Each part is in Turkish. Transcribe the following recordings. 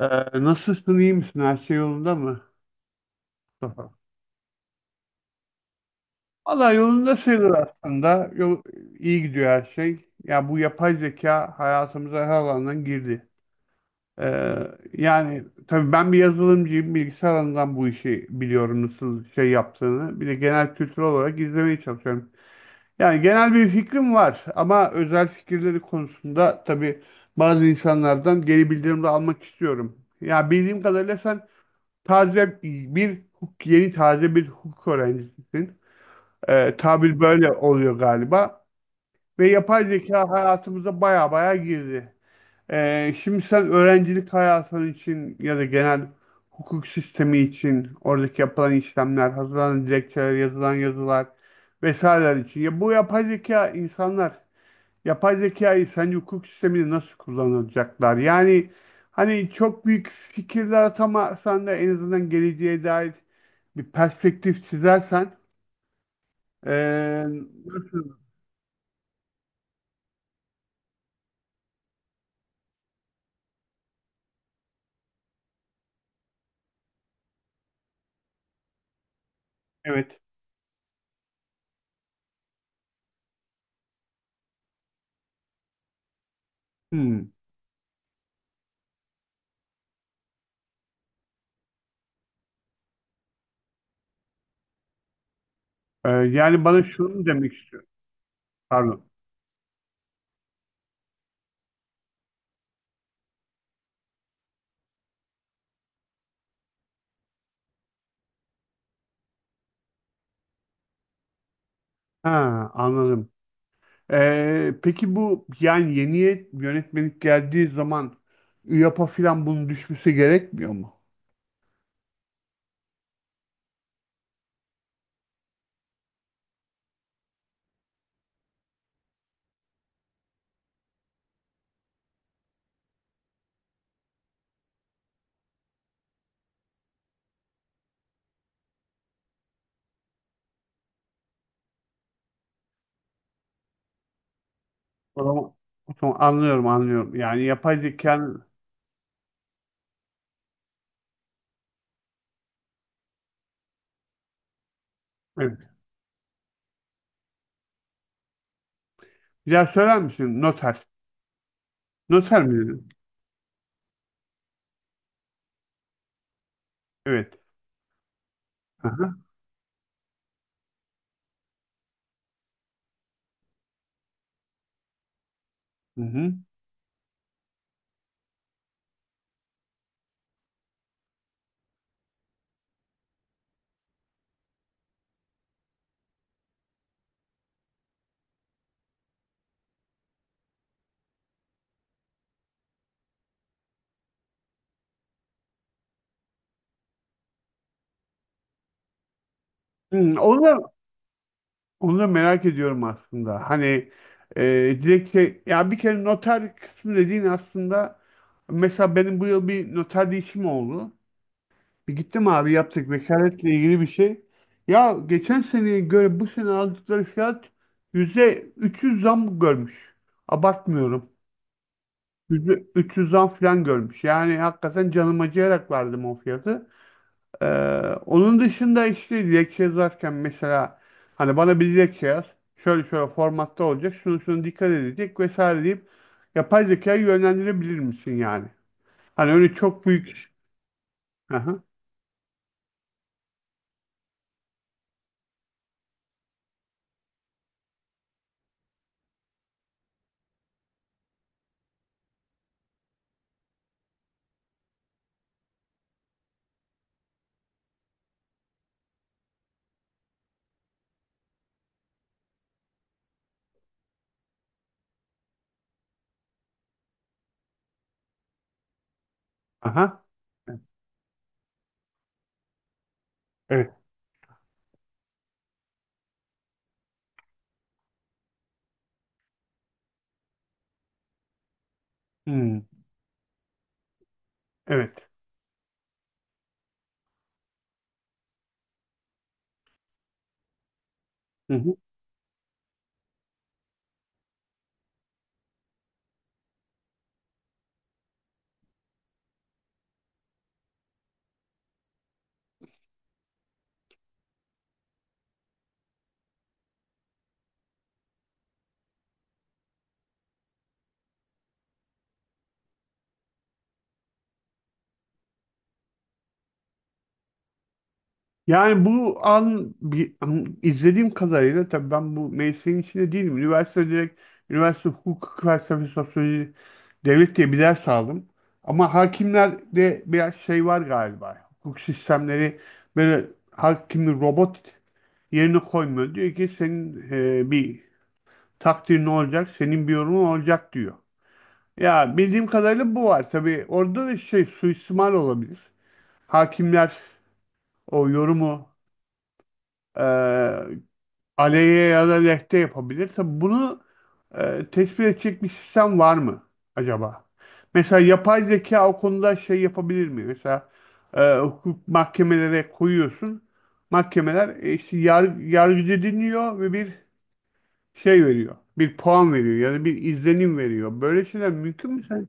Ee, Nasılsın, iyi misin? Her şey yolunda mı Mustafa? Valla yolunda sayılır aslında. Yol, iyi gidiyor her şey. Ya bu yapay zeka hayatımıza her alandan girdi. Ee, Yani tabii ben bir yazılımcıyım. Bilgisayar alanından bu işi biliyorum nasıl şey yaptığını. Bir de genel kültür olarak izlemeye çalışıyorum. Yani genel bir fikrim var ama özel fikirleri konusunda tabii bazı insanlardan geri bildirim de almak istiyorum. Ya bildiğim kadarıyla sen yeni taze bir hukuk öğrencisisin. Tabir böyle oluyor galiba. Ve yapay zeka hayatımıza baya baya girdi. Şimdi sen öğrencilik hayatın için ya da genel hukuk sistemi için oradaki yapılan işlemler, hazırlanan dilekçeler, yazılan yazılar vesaireler için. Ya bu yapay zeka insanlar Yapay zekayı sence hukuk sisteminde nasıl kullanacaklar? Yani hani çok büyük fikirler atamasan da en azından geleceğe dair bir perspektif çizersen ee, nasıl? Evet. Hmm. Yani bana şunu mu demek istiyor. Pardon. Ha, anladım. Peki bu yani yeni yönetmenlik geldiği zaman ÜYAP'a falan bunun düşmesi gerekmiyor mu? O zaman, O zaman anlıyorum. Yani yapay zekanın evet. Bir daha söyler misin? Noter. Noter mi dedin? Evet. Hı hı. Hı hı. Hmm. Onu da merak ediyorum aslında. Hani e, dilekçe ya bir kere noter kısmı dediğin aslında mesela benim bu yıl bir noter değişimi oldu. Bir gittim abi yaptık vekaletle ilgili bir şey. Ya geçen seneye göre bu sene aldıkları fiyat %300 zam görmüş. Abartmıyorum. 300'den falan görmüş. Yani hakikaten canım acıyarak verdim o fiyatı. Ee, Onun dışında işte dilekçe yazarken mesela hani bana bir dilekçe yaz. Şöyle şöyle formatta olacak. Şunu şunu dikkat edecek vesaire deyip yapay zekayı yönlendirebilir misin yani? Hani öyle çok büyük. Aha. Aha. Evet. Hmm, evet. Hı hı. Yani bu an bir an- izlediğim kadarıyla tabii ben bu mesleğin içinde değilim. Üniversite hukuk felsefesi sosyoloji devlet diye bir ders aldım. Ama hakimlerde biraz şey var galiba. Hukuk sistemleri böyle hakimi robot yerine koymuyor. Diyor ki senin bir takdirin olacak, senin bir yorumun olacak diyor. Ya bildiğim kadarıyla bu var. Tabii orada da şey suistimal olabilir. Hakimler o yorumu e, aleyhe ya da lehte yapabilirse bunu tespit edecek bir sistem var mı acaba? Mesela yapay zeka o konuda şey yapabilir mi? Mesela hukuk mahkemelere koyuyorsun. Mahkemeler işte yargıcı dinliyor ve bir şey veriyor. Bir puan veriyor ya da bir izlenim veriyor. Böyle şeyler mümkün mü sen?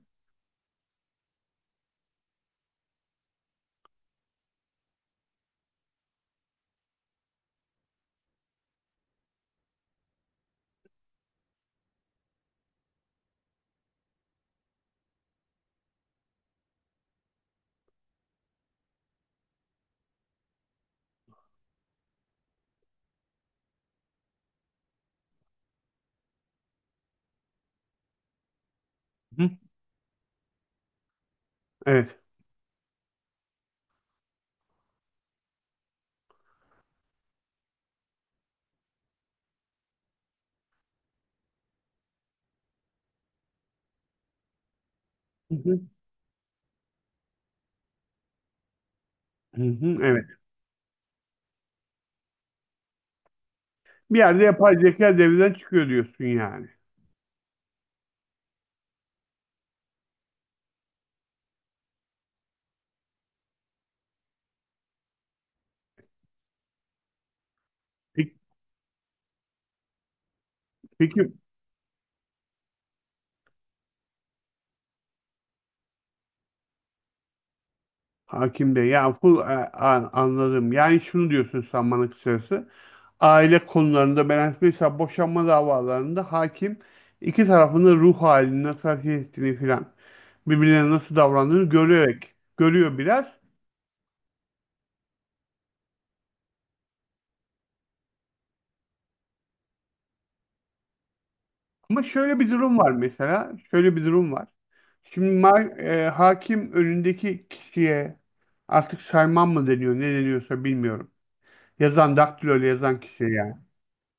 Hı, evet. Hı hı. Hı hı, evet. Bir yerde yapay zeka devreden çıkıyor diyorsun yani. Peki, peki Hakim Bey ya anladım. Yani şunu diyorsun sen bana kısacası. Aile konularında ben mesela boşanma davalarında hakim iki tarafın da ruh halini nasıl hareket ettiğini filan birbirlerine nasıl davrandığını görerek görüyor biraz. Ama şöyle bir durum var mesela. Şöyle bir durum var. Hakim önündeki kişiye artık sayman mı deniyor ne deniyorsa bilmiyorum. Yazan daktiloyla yazan kişiye yani.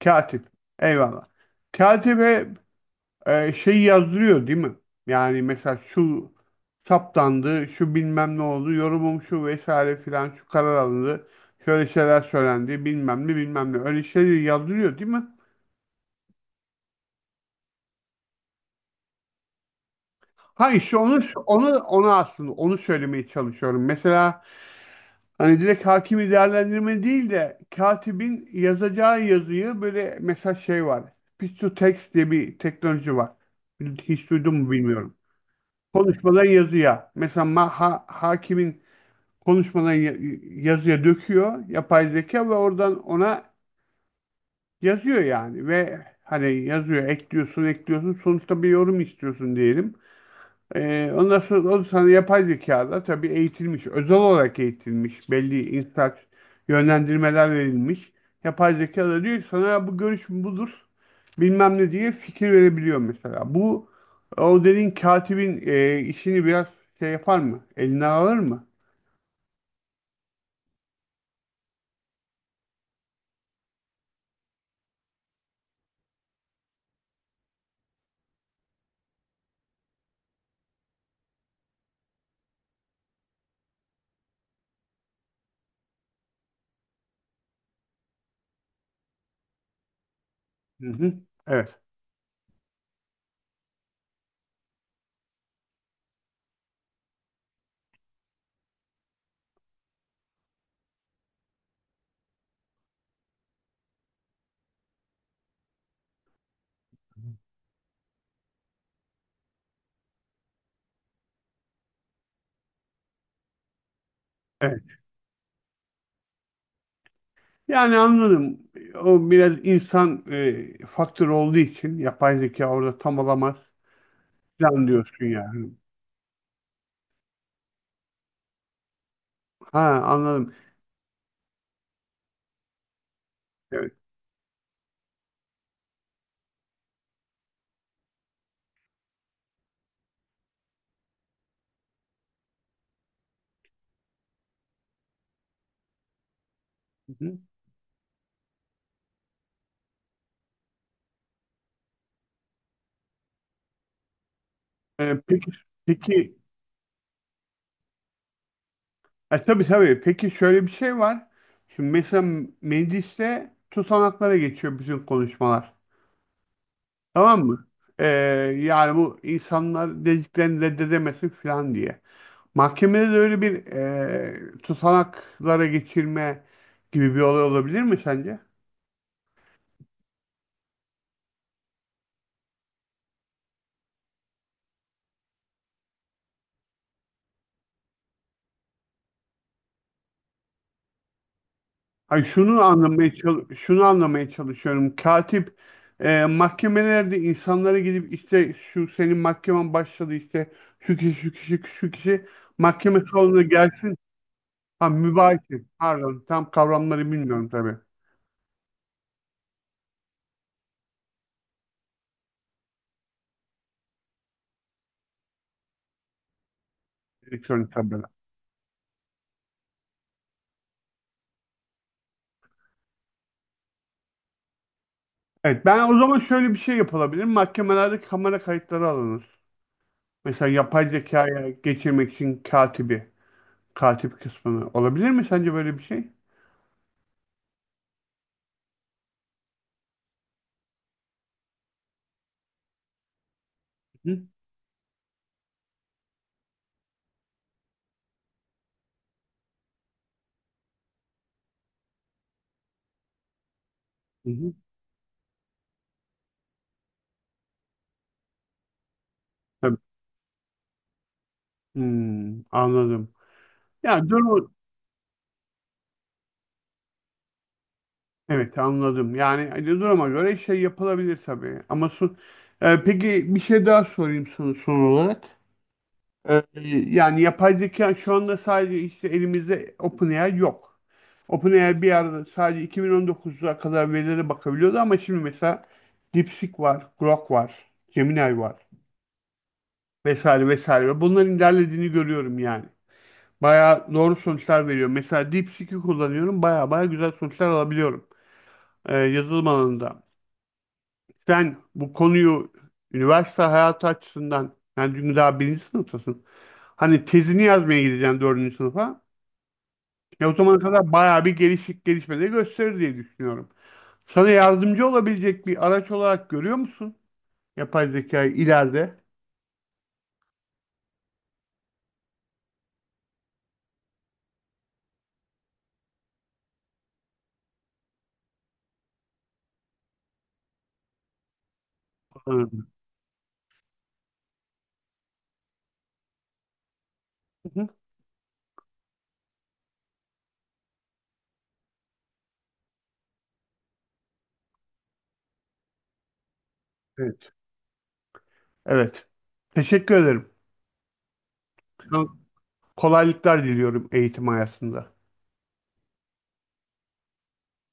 Katip. Eyvallah. Katibe şeyi yazdırıyor değil mi? Yani mesela şu saptandı, şu bilmem ne oldu, yorumum şu vesaire filan, şu karar alındı, şöyle şeyler söylendi, bilmem ne bilmem ne. Öyle şeyleri yazdırıyor değil mi? Ha işte onu aslında onu söylemeye çalışıyorum. Mesela hani direkt hakimi değerlendirme değil de katibin yazacağı yazıyı böyle mesela şey var. Speech to text diye bir teknoloji var. Hiç duydun mu bilmiyorum. Konuşmadan yazıya. Hakimin konuşmadan ya- yazıya döküyor yapay zeka ve oradan ona yazıyor yani ve hani yazıyor ekliyorsun sonuçta bir yorum istiyorsun diyelim. Ondan sonra o sana yapay zekada tabii eğitilmiş, özel olarak eğitilmiş, belli instrak yönlendirmeler verilmiş. Yapay zeka da diyor ki sana bu görüş budur, bilmem ne diye fikir verebiliyor mesela. Bu o dediğin katibin işini biraz şey yapar mı? Elinden alır mı? Hı hı. Evet. Evet. Yani anladım. O biraz insan faktörü olduğu için yapay zeka orada tam olamaz falan diyorsun yani. Ha anladım. Evet. Hı hı. Peki peki tabii tabii. Peki şöyle bir şey var. Şimdi mesela mecliste tutanaklara geçiyor bütün konuşmalar. Tamam mı? E, Yani bu insanlar dediklerini reddedemesin falan diye. Mahkemede de öyle bir tutanaklara geçirme gibi bir olay olabilir mi sence? Ay şunu anlamaya çal- şunu anlamaya çalışıyorum. Katip mahkemelerde insanlara gidip işte şu senin mahkemen başladı işte şu kişi şu kişi şu kişi mahkeme salonuna gelsin. Ha mübaşir. Pardon tam kavramları bilmiyorum tabii. Elektronik tabela. Evet ben o zaman şöyle bir şey yapılabilir. Mahkemelerde kamera kayıtları alınır. Mesela yapay zekaya geçirmek için katibi, katip kısmını olabilir mi sence böyle bir şey? Hı hı. Tabii. Hmm, anladım. Yani durumu evet anladım. Yani hani duruma göre şey yapılabilir tabii. Ama son, peki bir şey daha sorayım sana son olarak. Ee, Yani yapay zeka şu anda sadece işte elimizde OpenAI yok. OpenAI bir arada sadece 2019'a kadar verilere bakabiliyordu ama şimdi mesela DeepSeek var, Grok var, Gemini var vesaire vesaire. Bunların ilerlediğini görüyorum yani. Bayağı doğru sonuçlar veriyor. Mesela DeepSeek'i kullanıyorum. Bayağı bayağı güzel sonuçlar alabiliyorum yazılım alanında. Sen bu konuyu üniversite hayatı açısından yani çünkü daha birinci sınıftasın. Hani tezini yazmaya gideceksin dördüncü sınıfa. Ya o zamana kadar bayağı bir gelişik gelişmeleri gösterir diye düşünüyorum. Sana yardımcı olabilecek bir araç olarak görüyor musun? Yapay zekayı ileride. Anladım. Hı hı. Evet. Evet. Teşekkür ederim. Sana kolaylıklar diliyorum eğitim hayatında.